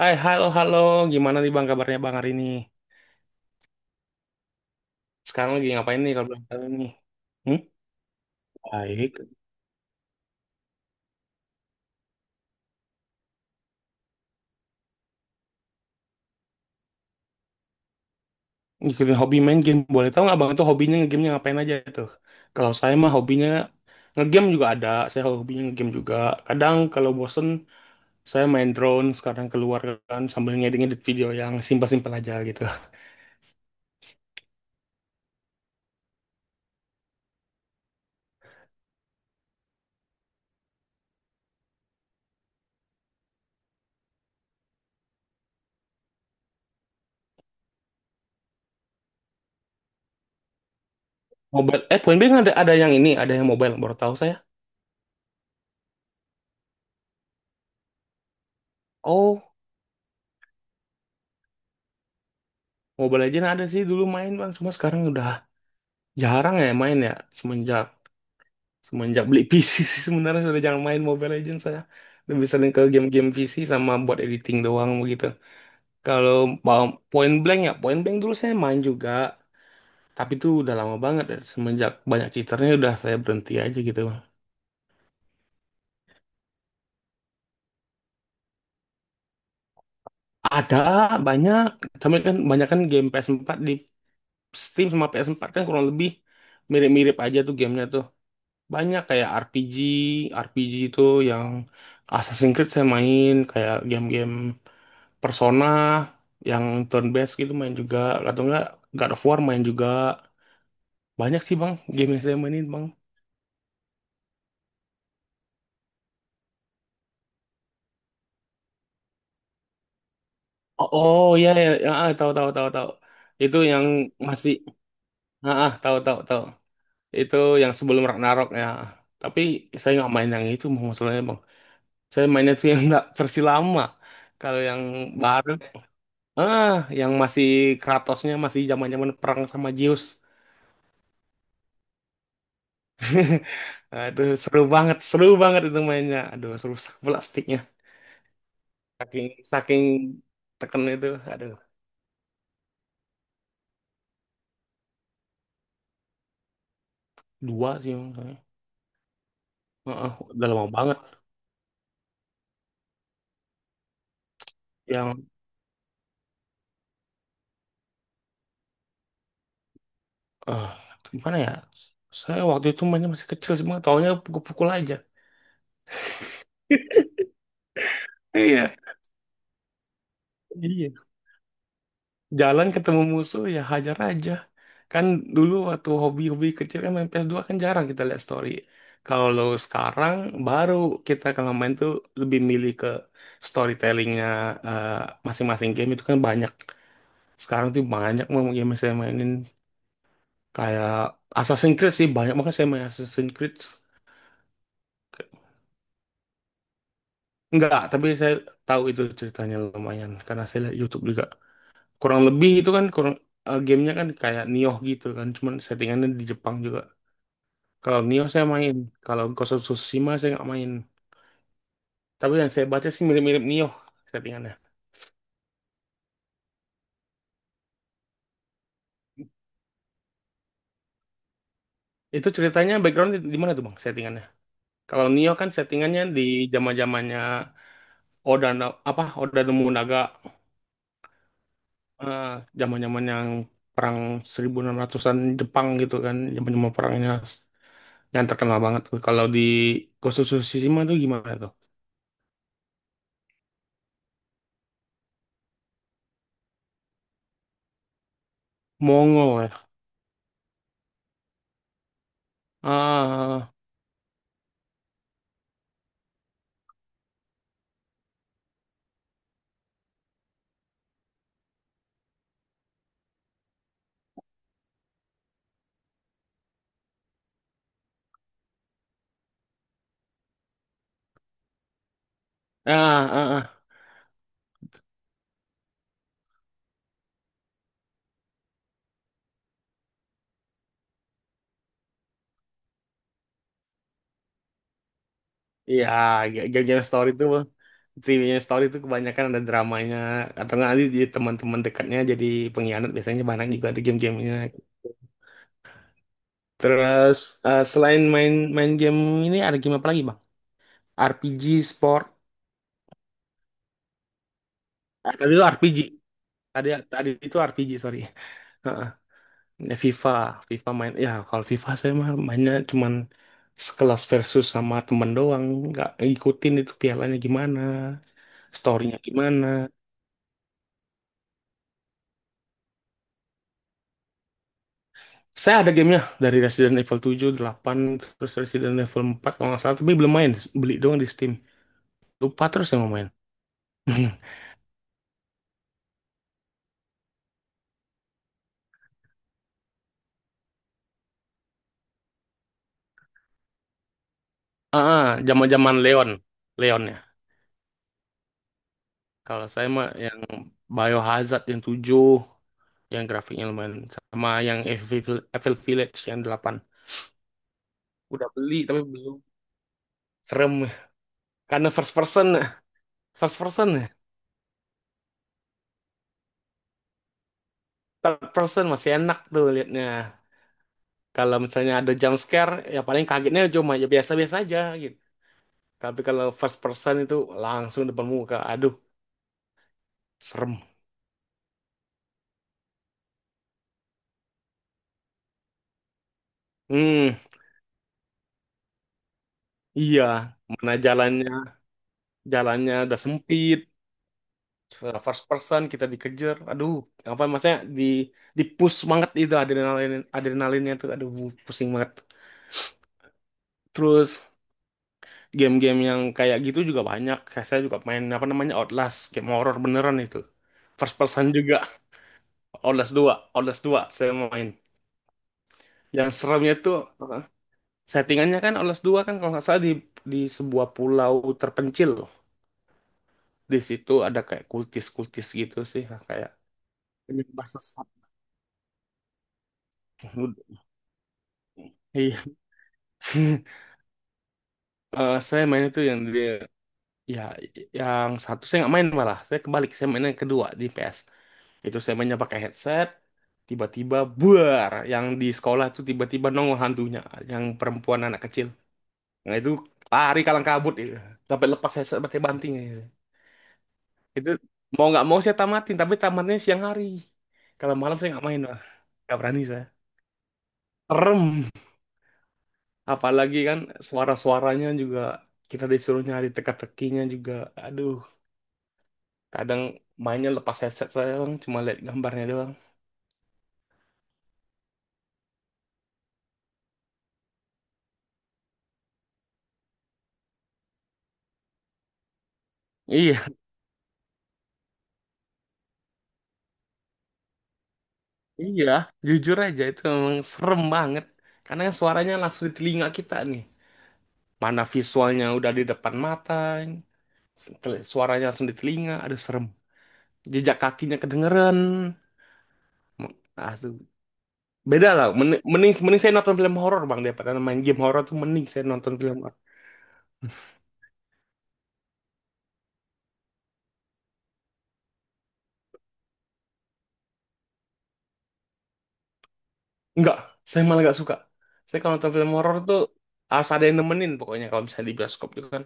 Hai, halo, halo. Gimana nih Bang, kabarnya Bang hari ini? Sekarang lagi ngapain nih, kalau belum tahu nih? Hmm? Baik. Ngikutin hobi main game. Boleh tahu nggak Bang itu hobinya ngegame ngapain aja tuh? Kalau saya mah hobinya ngegame juga ada. Saya hobinya ngegame juga. Kadang kalau bosen, saya main drone. Sekarang keluar kan sambil ngedit-ngedit video yang simpel-simpel aja gitu. Mobile, eh Point Blank ada yang ini, ada yang mobile. Baru tahu saya. Oh, Mobile Legends ada sih dulu main Bang. Cuma sekarang udah jarang ya main ya. Semenjak Semenjak beli PC sih sebenarnya sudah jangan main Mobile Legends saya. Lebih sering ke game-game PC sama buat editing doang begitu. Kalau mau Point Blank ya, Point Blank dulu saya main juga. Tapi itu udah lama banget ya. Semenjak banyak cheaternya udah saya berhenti aja gitu. Ada banyak, tapi kan banyak kan game PS4 di Steam sama PS4 kan kurang lebih mirip-mirip aja tuh gamenya tuh. Banyak kayak RPG, itu yang Assassin's Creed saya main, kayak game-game Persona yang turn based gitu main juga, atau enggak God of War main juga, banyak sih bang game yang saya mainin bang. Oh, iya ya, ya ah, tahu tahu tahu tahu, itu yang masih, tahu tahu tahu, itu yang sebelum Ragnarok ya, tapi saya nggak main yang itu Bang, masalahnya bang, saya mainnya tuh yang nggak versi lama. Kalau yang baru, ah yang masih Kratosnya masih zaman zaman perang sama Zeus. Nah, itu seru banget itu mainnya. Aduh, seru sakit plastiknya. Saking saking teken itu, ada dua sih emang saya. Heeh, udah lama banget yang, eh gimana ya? Saya waktu itu mainnya masih kecil, cuma taunya pukul-pukul aja. Iya. Iya. Jalan ketemu musuh ya hajar aja. Kan dulu waktu hobi-hobi kecil kan main PS2 kan jarang kita lihat story. Kalau sekarang baru kita kalau main tuh lebih milih ke storytellingnya, eh, masing-masing game itu kan banyak. Sekarang tuh banyak mau game yang saya mainin. Kayak Assassin's Creed sih banyak banget saya main Assassin's Creed. Enggak, tapi saya tahu itu ceritanya lumayan karena saya lihat YouTube juga. Kurang lebih itu kan kurang, gamenya kan kayak Nioh gitu kan, cuman settingannya di Jepang juga. Kalau Nioh saya main, kalau Ghost of Tsushima saya nggak main. Tapi yang saya baca sih mirip-mirip Nioh settingannya. Itu ceritanya background di, mana tuh bang settingannya? Kalau Nioh kan settingannya di zaman-zamannya Oda apa Oda Nobunaga, eh, zaman-zaman yang perang 1600-an Jepang gitu kan, zaman-zaman perangnya yang terkenal banget tuh. Kalau di Ghost of Tsushima tuh gimana tuh? Mongol ya. Ah, ah, ah, ah. Iya, game-game story tuh, game story tuh kebanyakan ada dramanya, atau nggak nanti di teman-teman dekatnya jadi pengkhianat, biasanya banyak juga ada game-gamenya. Terus, selain main main game ini, ada game apa lagi, Bang? RPG, sport. Ah, tadi itu RPG. Tadi tadi itu RPG, sorry. Heeh. Ya, FIFA main. Ya kalau FIFA saya mah mainnya cuman sekelas versus sama temen doang. Nggak ngikutin itu pialanya gimana, storynya gimana. Saya ada gamenya dari Resident Evil 7, 8, terus Resident Evil 4, kalau nggak salah, tapi belum main. Beli doang di Steam. Lupa terus yang mau main. Ah, zaman-zaman Leon, Leon ya. Kalau saya mah ya Biohazard 7, yang grafiknya lumayan, sama yang Evil Village 8, udah beli tapi belum serem, karena First person. Third person masih enak tuh liatnya, kalau misalnya ada jump scare ya paling kagetnya cuma ya biasa-biasa aja gitu, tapi kalau first person itu langsung depan muka, aduh, serem. Hmm, iya. Mana jalannya jalannya udah sempit, first person kita dikejar, aduh, apa maksudnya di push banget itu, adrenalinnya tuh aduh pusing banget. Terus game-game yang kayak gitu juga banyak, kayak saya juga main apa namanya Outlast, game horror beneran itu, first person juga. Outlast 2, Outlast 2 saya main, yang seremnya tuh, settingannya kan Outlast 2 kan kalau nggak salah di sebuah pulau terpencil, di situ ada kayak kultis-kultis gitu sih, kayak penyembah sesat. Iya. Saya main itu yang dia, ya, yang satu saya nggak main, malah saya kebalik, saya main yang kedua di PS. Itu saya mainnya pakai headset, tiba-tiba buar yang di sekolah tuh, tiba-tiba nongol hantunya, yang perempuan anak kecil, nah itu lari kalang kabut itu, sampai lepas headset pakai banting gitu. Itu mau nggak mau saya tamatin, tapi tamatnya siang hari, kalau malam saya nggak main lah, nggak berani saya, serem. Apalagi kan suara-suaranya juga, kita disuruh nyari teka-tekinya juga, aduh. Kadang mainnya lepas headset saya bang, cuma lihat gambarnya doang. Iya. Iya, jujur aja itu memang serem banget. Karena yang suaranya langsung di telinga kita nih. Mana visualnya udah di depan mata, suaranya langsung di telinga, aduh serem. Jejak kakinya kedengeran. M- Aduh, beda lah. Mending saya nonton film horor bang, daripada main game horor tuh mending saya nonton film horor. Enggak, saya malah gak suka. Saya kalau nonton film horor tuh harus ada yang nemenin pokoknya, kalau misalnya di bioskop itu kan,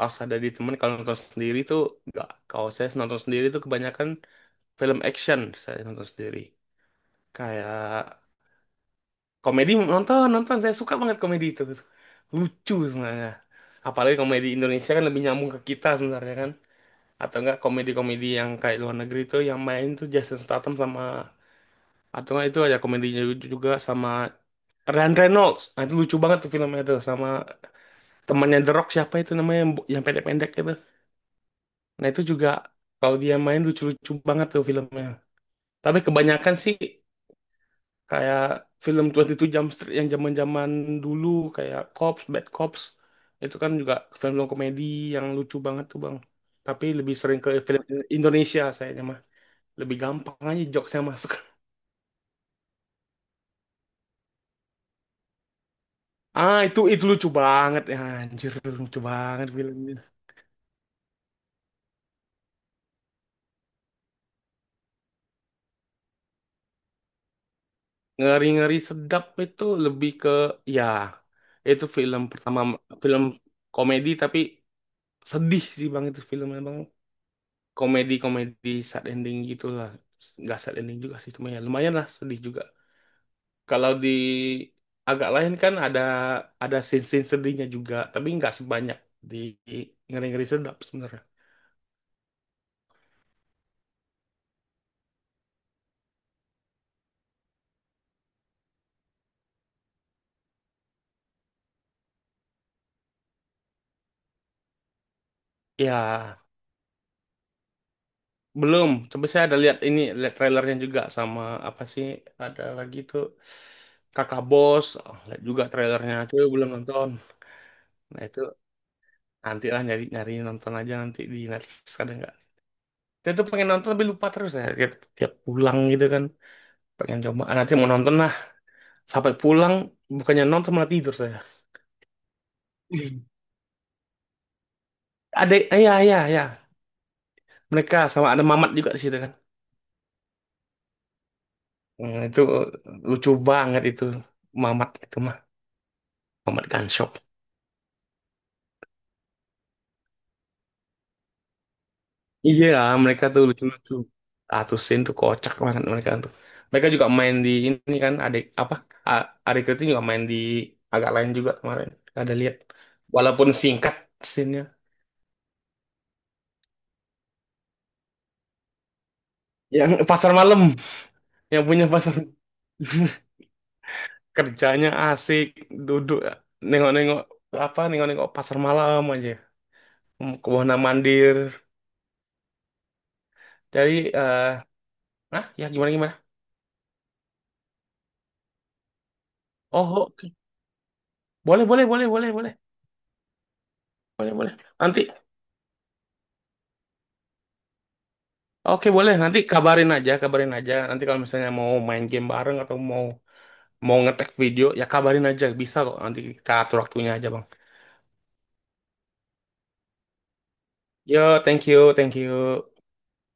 harus ada di temen. Kalau nonton sendiri tuh nggak, kalau saya nonton sendiri tuh kebanyakan film action saya nonton sendiri, kayak komedi. Nonton nonton, saya suka banget komedi itu, lucu sebenarnya, apalagi komedi Indonesia kan lebih nyambung ke kita sebenarnya kan, atau enggak komedi-komedi yang kayak luar negeri tuh yang main tuh Jason Statham sama, atau enggak itu ada komedinya juga sama Ryan Reynolds, nah itu lucu banget tuh filmnya tuh, sama temannya The Rock siapa itu namanya, yang pendek-pendek itu. Nah itu juga, kalau dia main lucu-lucu banget tuh filmnya. Tapi kebanyakan sih kayak film 22 Jump Street yang zaman-zaman dulu, kayak Cops, Bad Cops, itu kan juga film komedi yang lucu banget tuh Bang. Tapi lebih sering ke film Indonesia sayangnya mah. Lebih gampang aja jokesnya masuk. Ah, itu lucu banget ya anjir, lucu banget filmnya. Ngeri-ngeri sedap itu lebih ke, ya, itu film pertama, film komedi tapi sedih sih bang itu filmnya bang, komedi komedi sad ending gitulah. Nggak sad ending juga sih, cuma ya lumayan lah sedih juga. Kalau di agak lain kan ada scene scene sedihnya juga, tapi nggak sebanyak di ngeri ngeri sedap sebenarnya. Ya, belum, tapi saya ada lihat ini, lihat trailernya juga, sama apa sih, ada lagi tuh, kakak bos. Oh, lihat juga trailernya tuh, belum nonton. Nah itu, nanti lah, nyari nyari nonton aja nanti di Netflix ada nggak. Dia tuh pengen nonton tapi lupa terus ya. Tiap pulang gitu kan. Pengen coba. Ah, nanti mau nonton lah. Sampai pulang bukannya nonton malah tidur saya. Ada, ya ya ya. Mereka sama ada Mamat juga di situ kan. Hmm, itu lucu banget itu Mamat itu mah. Mamat Gunshop. Iya, mereka tuh lucu-lucu. Atusin tuh kocak banget mereka tuh. Mereka juga main di ini kan, adik apa? Adik itu juga main di agak lain juga kemarin. Ada lihat. Walaupun singkat scene-nya. Yang pasar malam. Yang punya pasangan. Kerjanya asik duduk nengok-nengok nengok-nengok pasar malam aja. Hmm, ke Wana Mandir jadi, eh ya gimana gimana. Oh, oke. Boleh, boleh, boleh, boleh, boleh, boleh, boleh nanti. Oke, boleh, nanti kabarin aja, kabarin aja nanti kalau misalnya mau main game bareng atau mau mau ngetek video, ya kabarin aja, bisa kok, nanti kita atur waktunya aja bang. Yo, thank you, thank you.